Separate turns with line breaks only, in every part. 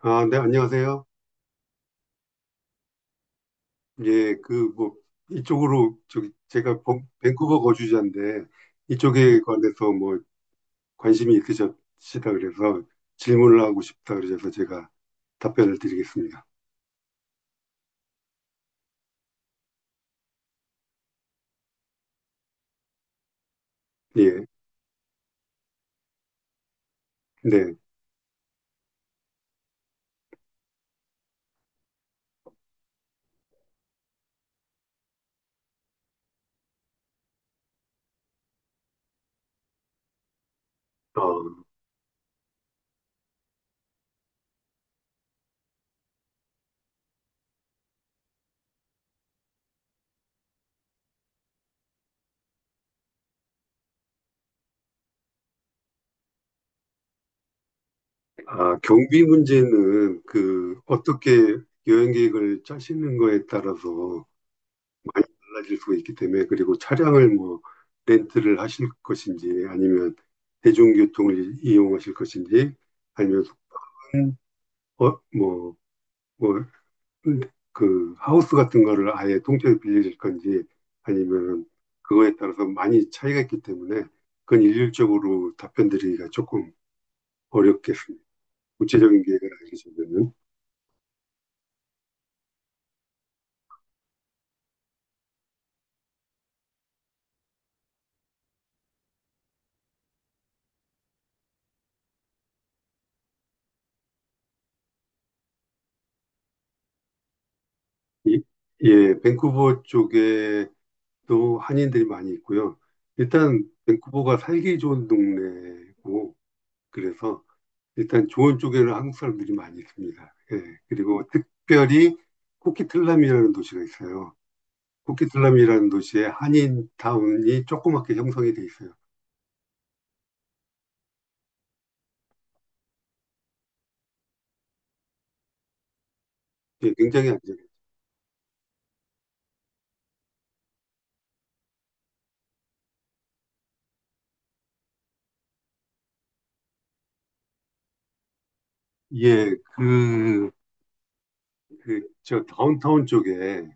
아, 네, 안녕하세요. 예, 그, 뭐, 이쪽으로, 저기, 제가 밴쿠버 거주자인데, 이쪽에 관해서 뭐, 관심이 있으시다 그래서 질문을 하고 싶다 그러셔서 제가 답변을 드리겠습니다. 예, 네. 어, 경비 문제는 그, 어떻게 여행 계획을 짜시는 거에 따라서 많이 달라질 수가 있기 때문에, 그리고 차량을 뭐, 렌트를 하실 것인지, 아니면 대중교통을 이용하실 것인지, 아니면 음. 어, 뭐, 뭐, 그, 하우스 같은 거를 아예 통째로 빌려줄 건지, 아니면 그거에 따라서 많이 차이가 있기 때문에, 그건 일률적으로 답변 드리기가 조금 어렵겠습니다. 구체적인 계획을 알기 전에는. 이- 예, 밴쿠버 쪽에도 한인들이 많이 있고요. 일단, 밴쿠버가 살기 좋은 동네고, 그래서 일단 좋은 쪽에는 한국 사람들이 많이 있습니다. 예, 그리고 특별히 쿠키틀람이라는 도시가 있어요. 쿠키슬람이라는 도시에 한인 타운이 조그맣게 형성이 돼 있어요. 예, 굉장히 안전해요. 예, 그, 저 다운타운 쪽에,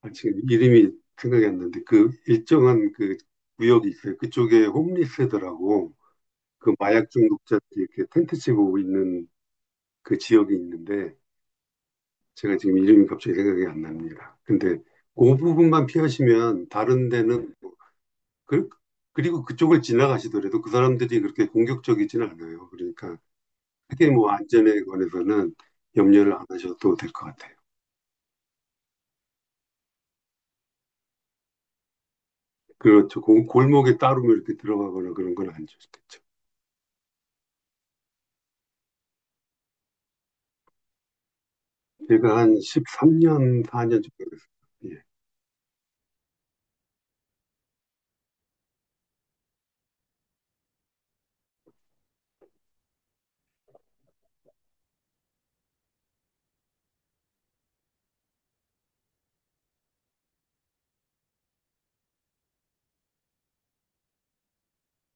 아, 지금 이름이 생각이 안 나는데, 그 일정한 그 구역이 있어요. 그쪽에 홈리스들하고 그 마약 중독자들이 이렇게 텐트 치고 있는 그 지역이 있는데, 제가 지금 이름이 갑자기 생각이 안 납니다. 근데 그 부분만 피하시면 다른 데는, 뭐 그, 그리고 그쪽을 지나가시더라도 그 사람들이 그렇게 공격적이진 않아요. 그러니까 크게 뭐 안전에 관해서는 염려를 안 하셔도 될 것 같아요. 그렇죠. 골목에 따로 뭐 이렇게 들어가거나 그런 건 안 좋겠죠. 제가 한 13년, 4년 정도 됐어요. 예.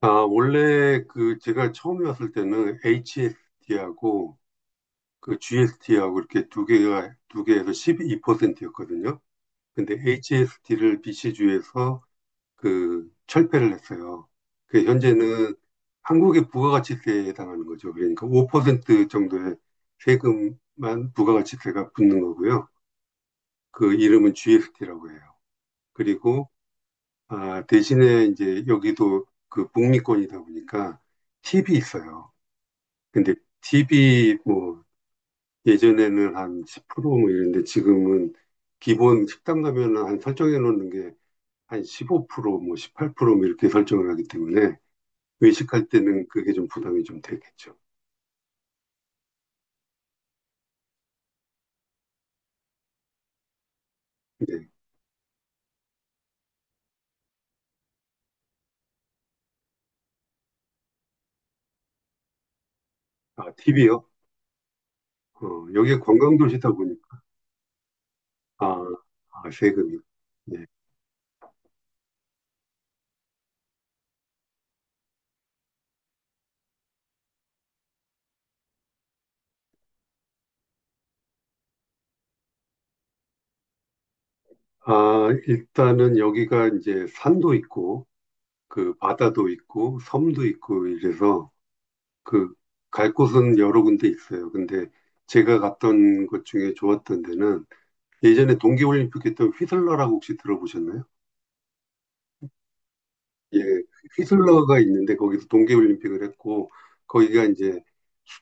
아, 원래 그 제가 처음에 왔을 때는 HST하고 그 GST하고 이렇게 두 개가, 두 개에서 12%였거든요. 근데 HST를 BC주에서 그 철폐를 했어요. 그 현재는 한국의 부가가치세에 해당하는 거죠. 그러니까 5% 정도의 세금만 부가가치세가 붙는 거고요. 그 이름은 GST라고 해요. 그리고 아, 대신에 이제 여기도 그 북미권이다 보니까 팁이 있어요. 근데 팁이 뭐 예전에는 한 10%뭐 이랬는데 지금은 기본 식당 가면은 한 설정해 놓는 게 한 15%뭐 18%뭐 이렇게 설정을 하기 때문에 외식할 때는 그게 좀 부담이 좀 되겠죠. 네. 아, 팁이요? 어, 여기가 관광도시다 보니까, 아, 아, 세금이. 네. 아, 일단은 여기가 이제 산도 있고, 그 바다도 있고, 섬도 있고 이래서, 그, 갈 곳은 여러 군데 있어요. 근데 제가 갔던 곳 중에 좋았던 데는 예전에 동계올림픽 했던 휘슬러라고 혹시 들어보셨나요? 예, 휘슬러가 있는데 거기서 동계올림픽을 했고 거기가 이제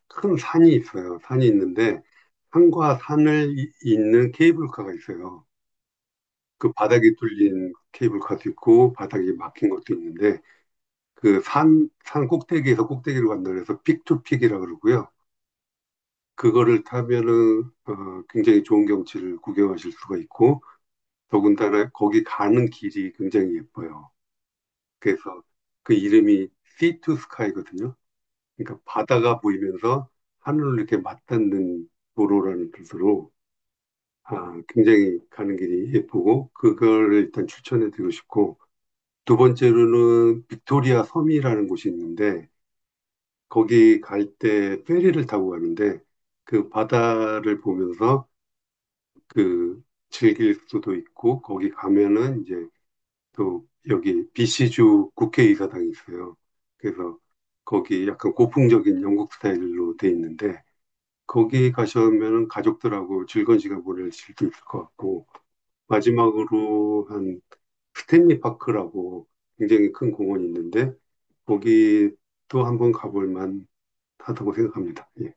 큰 산이 있어요. 산이 있는데 산과 산을 잇는 케이블카가 있어요. 그 바닥이 뚫린 케이블카도 있고 바닥이 막힌 것도 있는데 그 산, 산 꼭대기에서 꼭대기로 간다 그래서 픽투픽이라 그러고요. 그거를 타면은 어, 굉장히 좋은 경치를 구경하실 수가 있고 더군다나 거기 가는 길이 굉장히 예뻐요. 그래서 그 이름이 Sea to Sky거든요. 그러니까 바다가 보이면서 하늘로 이렇게 맞닿는 도로라는 뜻으로 아, 굉장히 가는 길이 예쁘고 그걸 일단 추천해 드리고 싶고 두 번째로는 빅토리아 섬이라는 곳이 있는데 거기 갈 때 페리를 타고 가는데 그 바다를 보면서 그 즐길 수도 있고 거기 가면은 이제 또 여기 BC주 국회의사당이 있어요. 그래서 거기 약간 고풍적인 영국 스타일로 돼 있는데 거기 가시면 가족들하고 즐거운 시간 보내실 수 있을 것 같고, 마지막으로 한 스탠리 파크라고 굉장히 큰 공원이 있는데, 거기도 한번 가볼 만 하다고 생각합니다. 예.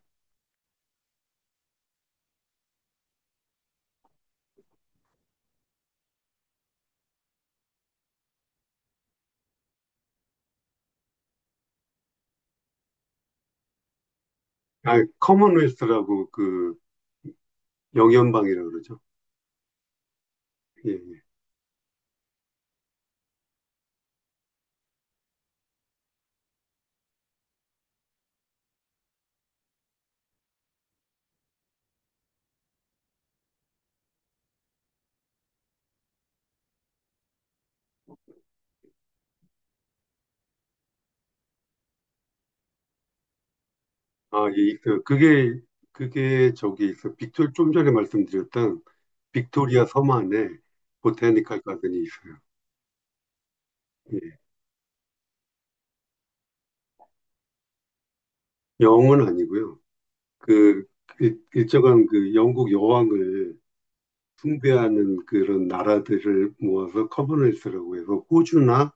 아, 커먼웰스라고 그 영연방이라고 그러죠. 예, 예. 아, 예, 그, 그게 저기 있어. 빅토 좀 전에 말씀드렸던 빅토리아 섬 안에 보타니컬 가든이 있어요. 예. 영은 아니고요. 그 일정한 그 영국 여왕을 숭배하는 그런 나라들을 모아서 커먼웰스라고 해서 호주나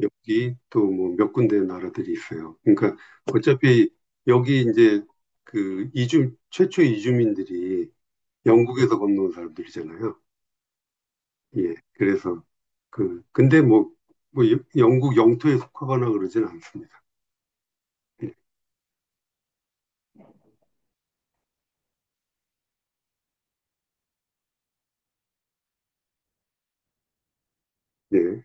여기 또 뭐 몇 군데 나라들이 있어요. 그러니까 어차피 여기 이제 그 이주 최초 이주민들이 영국에서 건너온 사람들이잖아요. 예. 그래서 그 근데 뭐 영국 영토에 속하거나 그러진 않습니다. 예.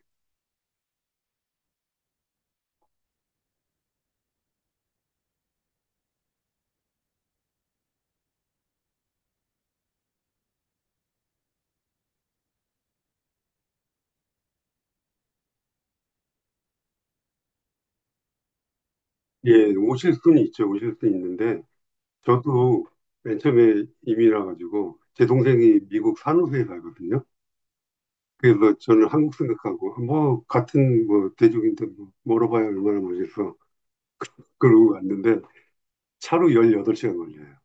예, 오실 수는 있죠. 오실 수는 있는데 저도 맨 처음에 이민 와가지고 제 동생이 미국 산호세에 살거든요. 그래서 저는 한국 생각하고 뭐 같은 뭐 대륙인데 뭐 멀어봐야 얼마나 멀겠어 그러고 갔는데 차로 18시간 걸려요.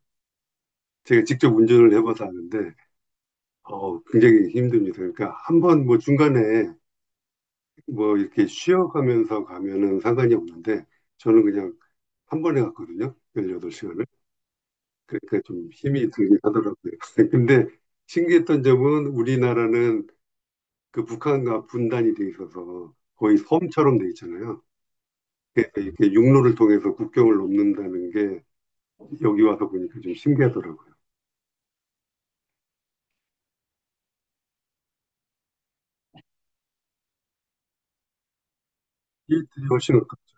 제가 직접 운전을 해봐서 아는데 어, 굉장히 힘듭니다. 그러니까 한번 뭐 중간에 뭐 이렇게 쉬어가면서 가면은 상관이 없는데 저는 그냥 한 번에 갔거든요. 18시간을. 그렇게 좀 힘이 들긴 하더라고요. 근데 신기했던 점은 우리나라는 그 북한과 분단이 돼 있어서 거의 섬처럼 돼 있잖아요. 그래서 이렇게 육로를 통해서 국경을 넘는다는 게 여기 와서 보니까 좀 신기하더라고요. 시애틀이 훨씬 가깝죠.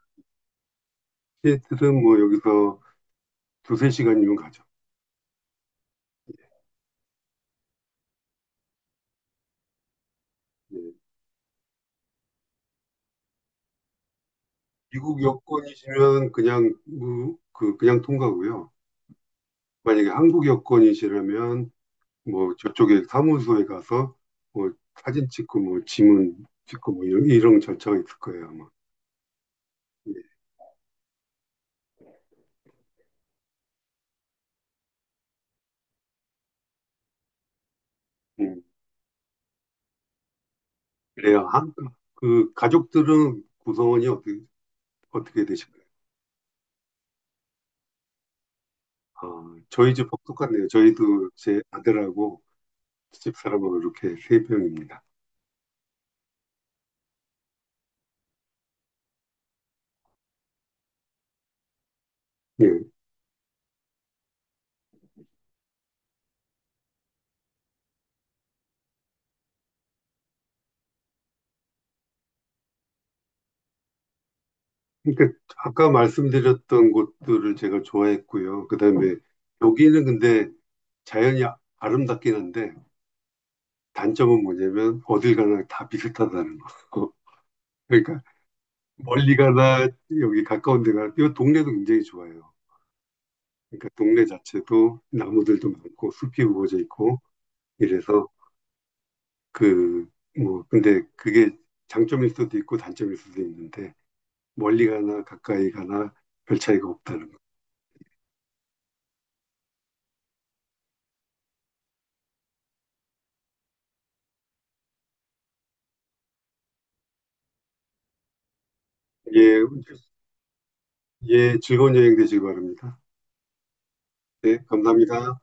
시애틀은 뭐 여기서 두세 시간이면 가죠. 예. 미국 여권이시면 그냥 그 그냥 통과고요. 만약에 한국 여권이시라면 뭐 저쪽에 사무소에 가서 뭐 사진 찍고 뭐 지문 찍고 뭐 이런 절차가 있을 거예요 아마. 예. 음, 그래요. 한, 그 가족들은 구성원이 어떻게 되실까요? 아, 저희 집하 똑같네요. 저희도 제 아들하고 집사람하고 이렇게 세 명입니다. 예. 그러니까 아까 말씀드렸던 곳들을 제가 좋아했고요. 그다음에 여기는 근데 자연이 아름답긴 한데 단점은 뭐냐면 어딜 가나 다 비슷하다는 거. 그러니까 멀리 가나 여기 가까운 데 가나 이 동네도 굉장히 좋아요. 그러니까 동네 자체도 나무들도 많고 숲이 우거져 있고 이래서 그 뭐 근데 그게 장점일 수도 있고 단점일 수도 있는데 멀리 가나 가까이 가나 별 차이가 없다는 거. 예, 예, 즐거운 여행 되시기 바랍니다. 네, 감사합니다.